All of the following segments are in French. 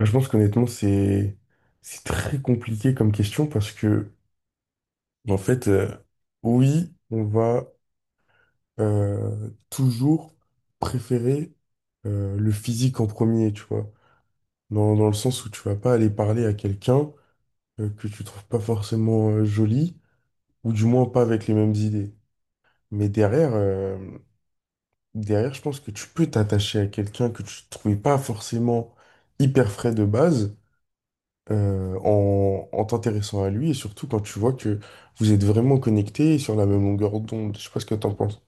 Je pense qu'honnêtement, c'est très compliqué comme question parce que, en fait, oui, on va toujours préférer le physique en premier, tu vois. Dans le sens où tu vas pas aller parler à quelqu'un que tu trouves pas forcément joli, ou du moins pas avec les mêmes idées. Mais derrière, derrière, je pense que tu peux t'attacher à quelqu'un que tu trouvais pas forcément hyper frais de base en, en t'intéressant à lui et surtout quand tu vois que vous êtes vraiment connectés et sur la même longueur d'onde. Je sais pas ce que t'en penses.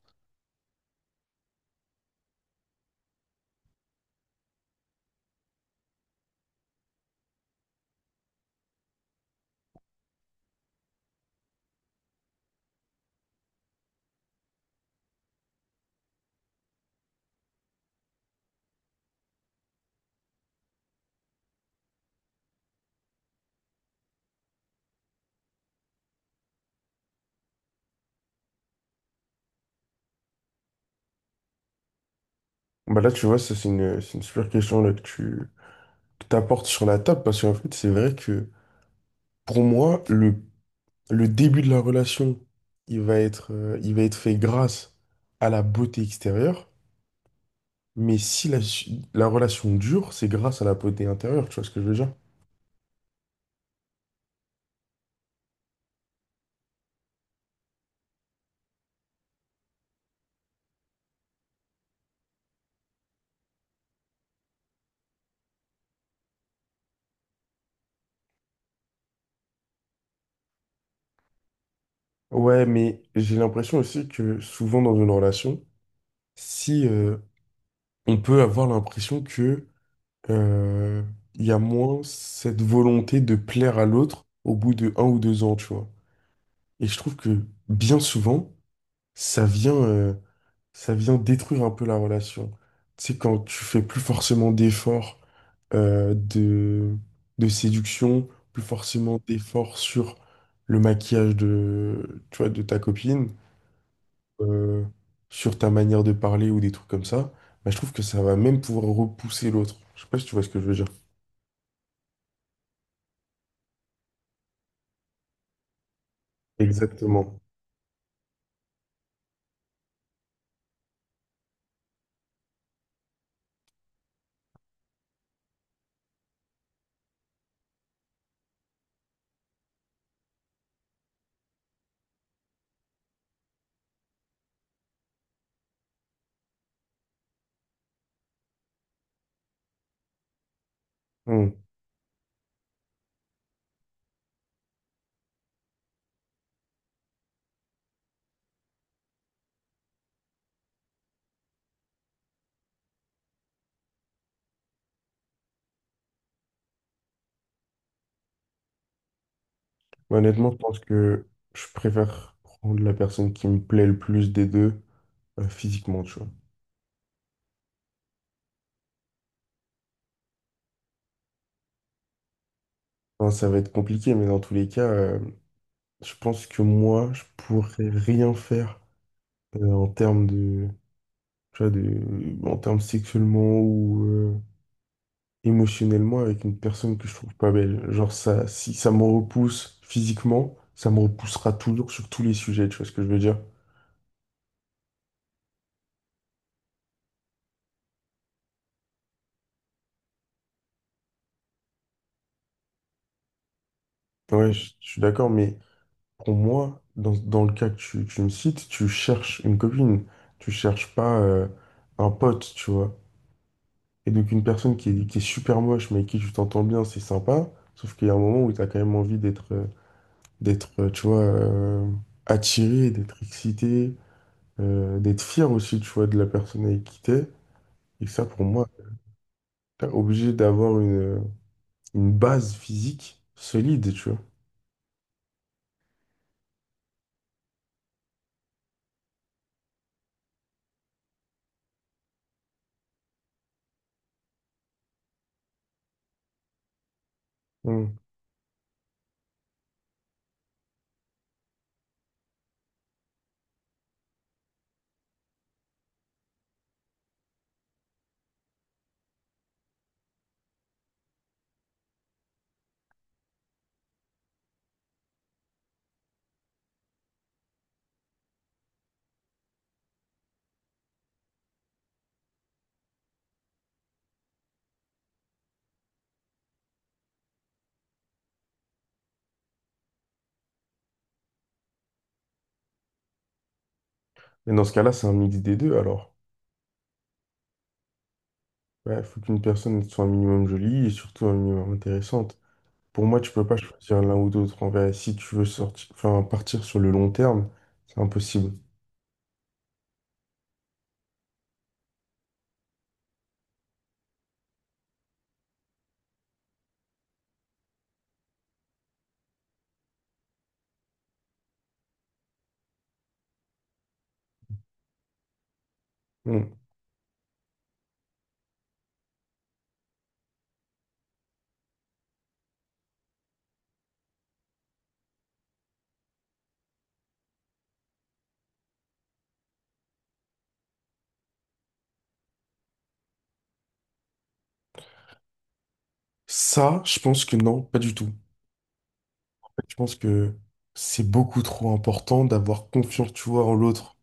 Bah là, tu vois, ça, c'est une super question là, que tu que t'apportes sur la table parce qu'en fait, c'est vrai que pour moi, le début de la relation, il va être fait grâce à la beauté extérieure. Mais si la relation dure, c'est grâce à la beauté intérieure, tu vois ce que je veux dire? Ouais, mais j'ai l'impression aussi que souvent dans une relation, si, on peut avoir l'impression que euh, il y a moins cette volonté de plaire à l'autre au bout de un ou deux ans, tu vois. Et je trouve que bien souvent, ça vient, euh, ça vient détruire un peu la relation. Tu sais, quand tu fais plus forcément d'efforts euh, de, de séduction, plus forcément d'efforts sur le maquillage de, tu vois, de ta copine, euh, sur ta manière de parler ou des trucs comme ça, bah, je trouve que ça va même pouvoir repousser l'autre. Je sais pas si tu vois ce que je veux dire. Exactement. Hmm. Bah, honnêtement, je pense que je préfère prendre la personne qui me plaît le plus des deux, physiquement, tu vois. Enfin, ça va être compliqué, mais dans tous les cas, je pense que moi, je pourrais rien faire en termes de, tu vois, de, en termes sexuellement ou émotionnellement avec une personne que je trouve pas belle. Genre ça, si ça me repousse physiquement, ça me repoussera toujours sur tous les sujets, tu vois ce que je veux dire? Ouais, je suis d'accord, mais pour moi, dans le cas que tu me cites, tu cherches une copine, tu cherches pas un pote, tu vois. Et donc une personne qui est super moche, mais avec qui tu t'entends bien, c'est sympa, sauf qu'il y a un moment où tu as quand même envie d'être, d'être, euh, tu vois, euh, attiré, d'être excité, d'être fier aussi, tu vois, de la personne avec qui t'es. Et ça, pour moi, t'es obligé d'avoir une base physique solide, tu vois. Mm. Mais dans ce cas-là, c'est un mix des deux, alors. Il faut qu'une personne soit un minimum jolie et surtout un minimum intéressante. Pour moi, tu peux pas choisir l'un ou l'autre. En vrai, si tu veux sortir, enfin, partir sur le long terme, c'est impossible. Mm. Ça, je pense que non, pas du tout. Je pense que c'est beaucoup trop important d'avoir confiance, tu vois, en l'autre.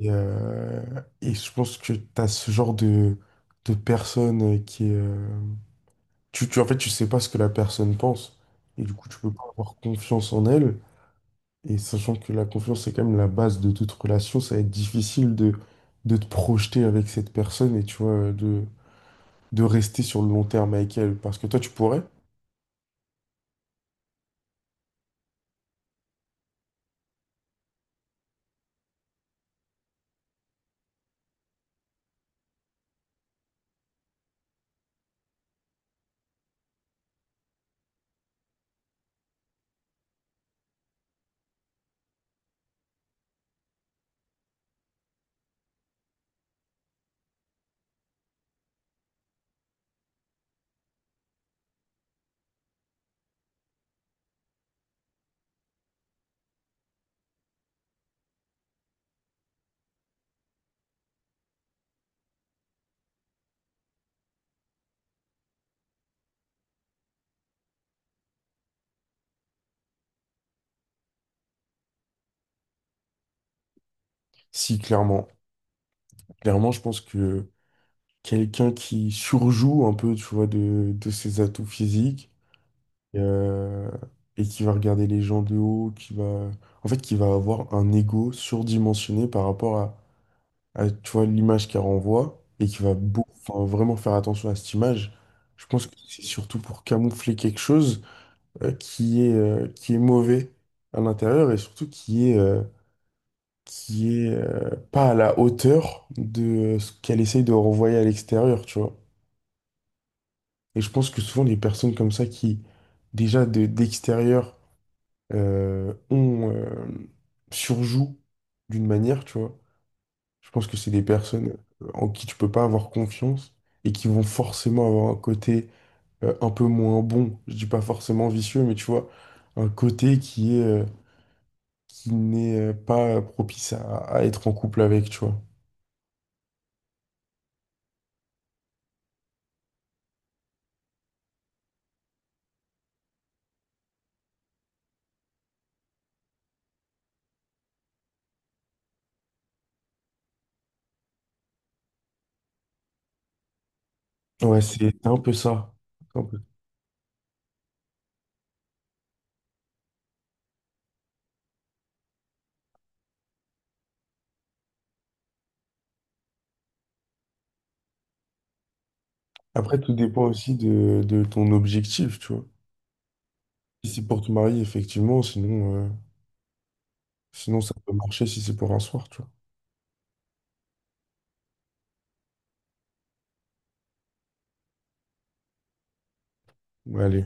Et, euh, et je pense que tu as ce genre de personne qui est... en fait, tu sais pas ce que la personne pense. Et du coup, tu peux pas avoir confiance en elle. Et sachant que la confiance, c'est quand même la base de toute relation, ça va être difficile de te projeter avec cette personne et tu vois, de rester sur le long terme avec elle. Parce que toi, tu pourrais. Si, clairement. Clairement, je pense que quelqu'un qui surjoue un peu, tu vois, de ses atouts physiques, et, euh, et qui va regarder les gens de haut, qui va, en fait, qui va avoir un ego surdimensionné par rapport à, tu vois, l'image qu'elle renvoie et qui va enfin, vraiment faire attention à cette image. Je pense que c'est surtout pour camoufler quelque chose qui est mauvais à l'intérieur et surtout qui est, pas à la hauteur de ce qu'elle essaye de renvoyer à l'extérieur, tu vois. Et je pense que souvent les personnes comme ça qui, déjà d'extérieur, on surjoue d'une manière, tu vois. Je pense que c'est des personnes en qui tu peux pas avoir confiance et qui vont forcément avoir un côté un peu moins bon. Je dis pas forcément vicieux, mais tu vois, un côté qui est qui n'est pas propice à être en couple avec, tu vois. Ouais, c'est un peu ça. un peu- Après, tout dépend aussi de ton objectif, tu vois. Si c'est pour te marier, effectivement, sinon, sinon ça peut marcher si c'est pour un soir, tu vois. Ouais, allez.